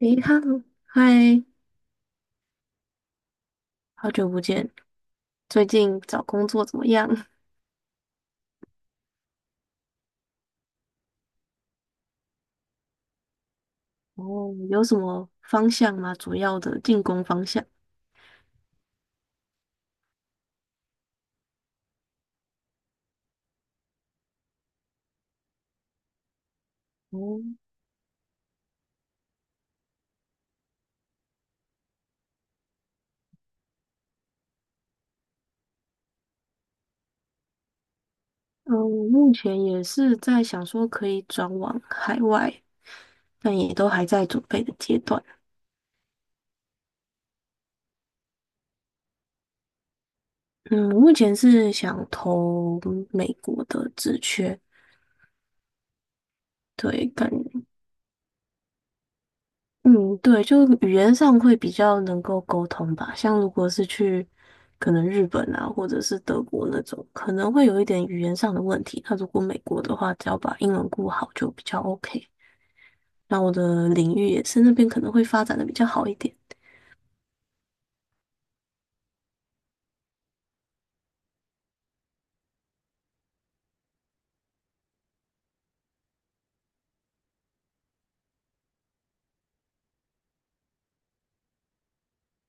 诶 h e 嗨，好久不见。最近找工作怎么样？哦，有什么方向吗？主要的进攻方向？哦，嗯，我目前也是在想说可以转往海外，但也都还在准备的阶段。嗯，我目前是想投美国的职缺。对，感嗯，对，就语言上会比较能够沟通吧。像如果是去可能日本啊，或者是德国那种，可能会有一点语言上的问题。那如果美国的话，只要把英文顾好就比较 OK。那我的领域也是那边可能会发展的比较好一点。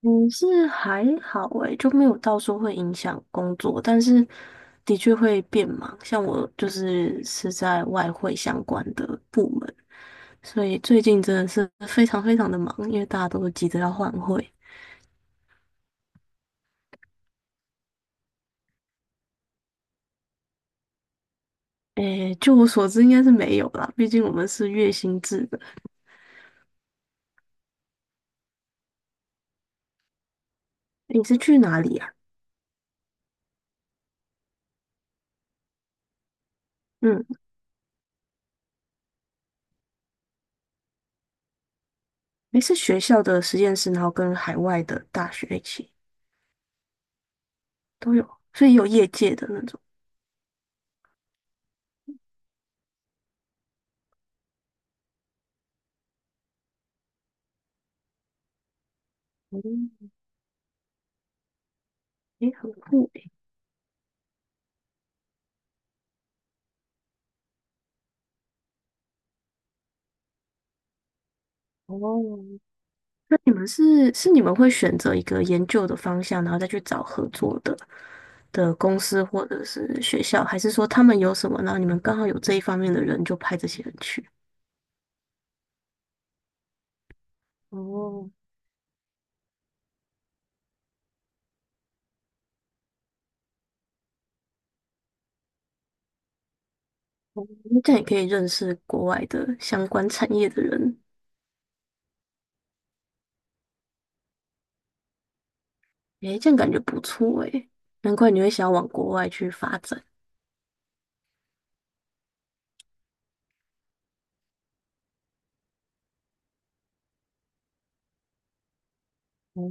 嗯，是还好诶，就没有到说会影响工作，但是的确会变忙。像我就是在外汇相关的部门。所以最近真的是非常非常的忙，因为大家都急着要换汇。诶，就我所知应该是没有啦，毕竟我们是月薪制的。诶你是去哪里啊？嗯，诶，是学校的实验室，然后跟海外的大学一起都有，所以也有业界的那种。嗯，诶，很酷诶。哦，那你们是你们会选择一个研究的方向，然后再去找合作的的公司或者是学校，还是说他们有什么，然后你们刚好有这一方面的人就派这些人去？哦，哦那这样也可以认识国外的相关产业的人。诶，这样感觉不错诶，难怪你会想要往国外去发展。哦，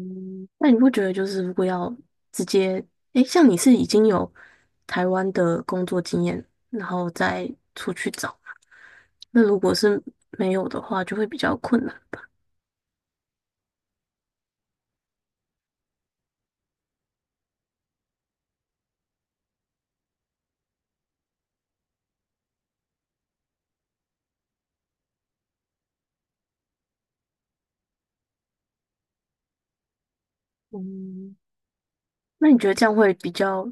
那你不觉得就是如果要直接，诶，像你是已经有台湾的工作经验，然后再出去找，那如果是没有的话，就会比较困难。嗯，那你觉得这样会比较，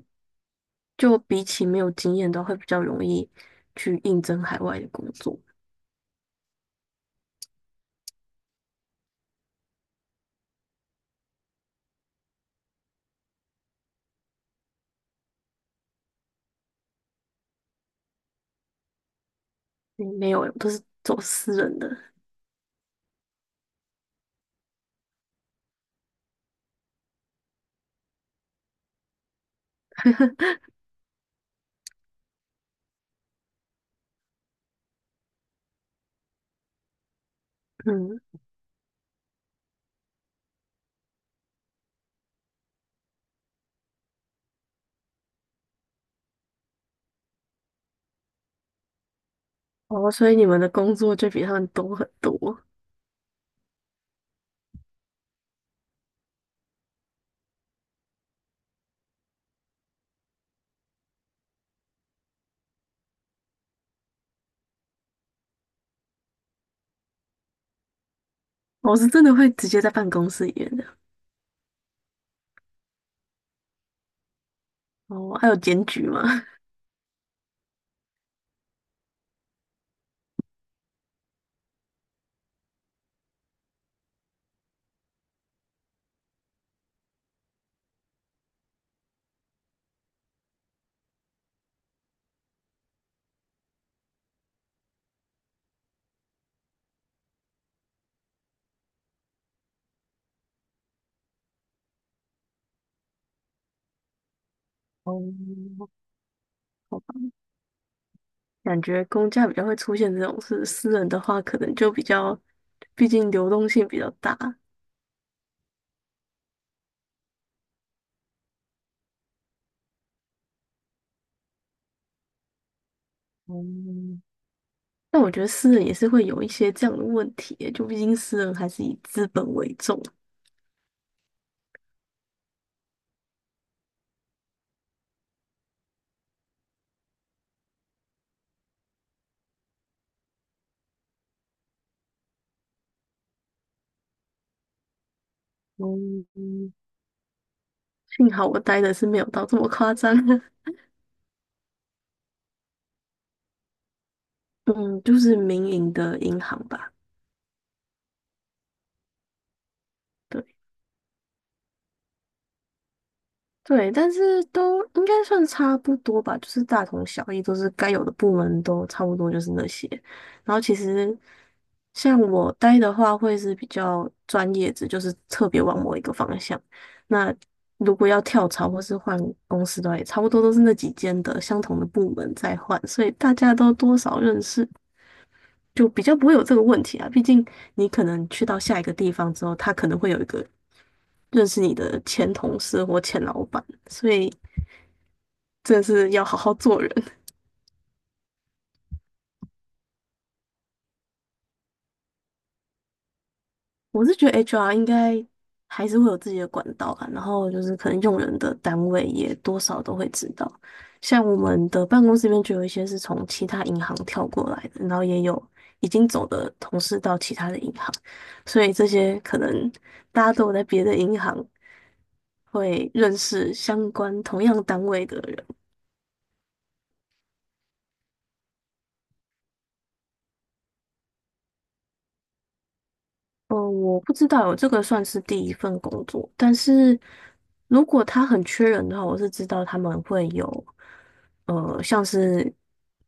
就比起没有经验的话，会比较容易去应征海外的工作？嗯没有欸我都是走私人的。嗯，哦，所以你们的工作就比他们多很多。我、是真的会直接在办公室里面的。哦，还有检举吗？哦，好吧，感觉公家比较会出现这种事，私人的话可能就比较，毕竟流动性比较大。哦，但我觉得私人也是会有一些这样的问题耶就毕竟私人还是以资本为重。哦，幸好我待的是没有到这么夸张。嗯，就是民营的银行吧。对。对，但是都应该算差不多吧，就是大同小异，都是该有的部门都差不多，就是那些。然后其实像我待的话，会是比较专业的，就是特别往某一个方向。那如果要跳槽或是换公司的话，也差不多都是那几间的相同的部门在换，所以大家都多少认识，就比较不会有这个问题啊。毕竟你可能去到下一个地方之后，他可能会有一个认识你的前同事或前老板，所以。真的是要好好做人。我是觉得 HR 应该还是会有自己的管道吧，然后就是可能用人的单位也多少都会知道。像我们的办公室里面就有一些是从其他银行跳过来的，然后也有已经走的同事到其他的银行，所以这些可能大家都有在别的银行会认识相关同样单位的人。嗯，我不知道，这个算是第一份工作，但是如果他很缺人的话，我是知道他们会有，呃，像是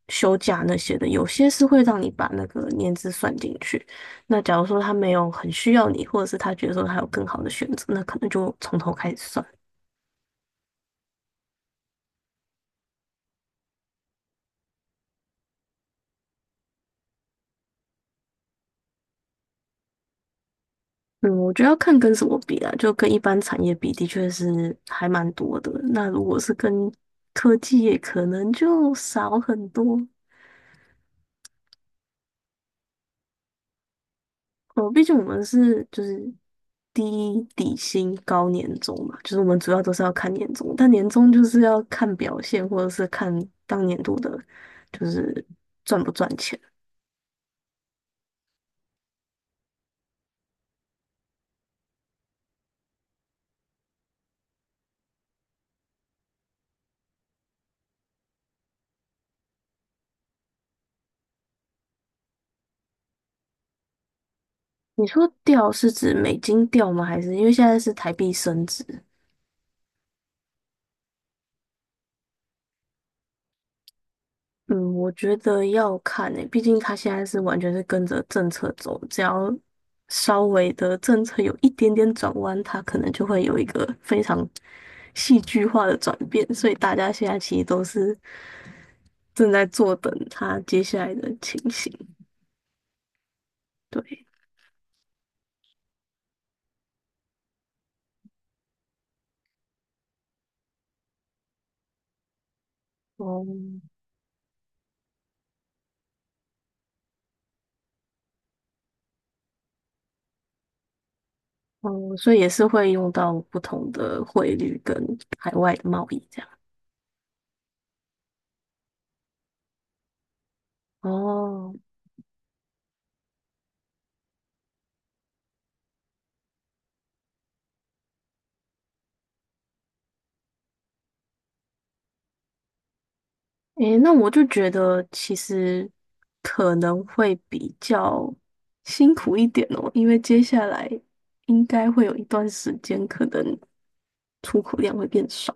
休假那些的，有些是会让你把那个年资算进去。那假如说他没有很需要你，或者是他觉得说他有更好的选择，那可能就从头开始算。嗯，我觉得要看跟什么比啊，就跟一般产业比，的确是还蛮多的。那如果是跟科技业，可能就少很多。哦，毕竟我们是就是低底薪高年终嘛，就是我们主要都是要看年终，但年终就是要看表现，或者是看当年度的，就是赚不赚钱。你说掉是指美金掉吗？还是因为现在是台币升值？嗯，我觉得要看诶，毕竟它现在是完全是跟着政策走，只要稍微的政策有一点点转弯，它可能就会有一个非常戏剧化的转变，所以大家现在其实都是正在坐等它接下来的情形。对，哦，哦，所以也是会用到不同的汇率跟海外的贸易这样。哦。诶，那我就觉得其实可能会比较辛苦一点哦，因为接下来应该会有一段时间，可能出口量会变少。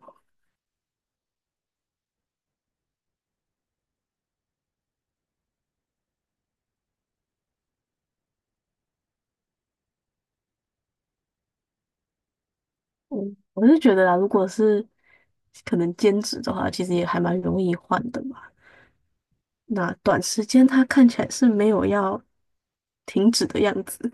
嗯，我是觉得啦，如果是可能兼职的话，其实也还蛮容易换的嘛。那短时间它看起来是没有要停止的样子。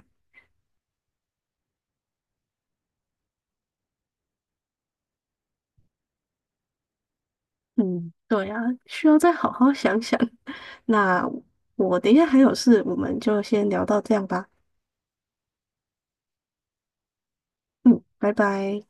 嗯，对啊，需要再好好想想。那我等一下还有事，我们就先聊到这样吧。嗯，拜拜。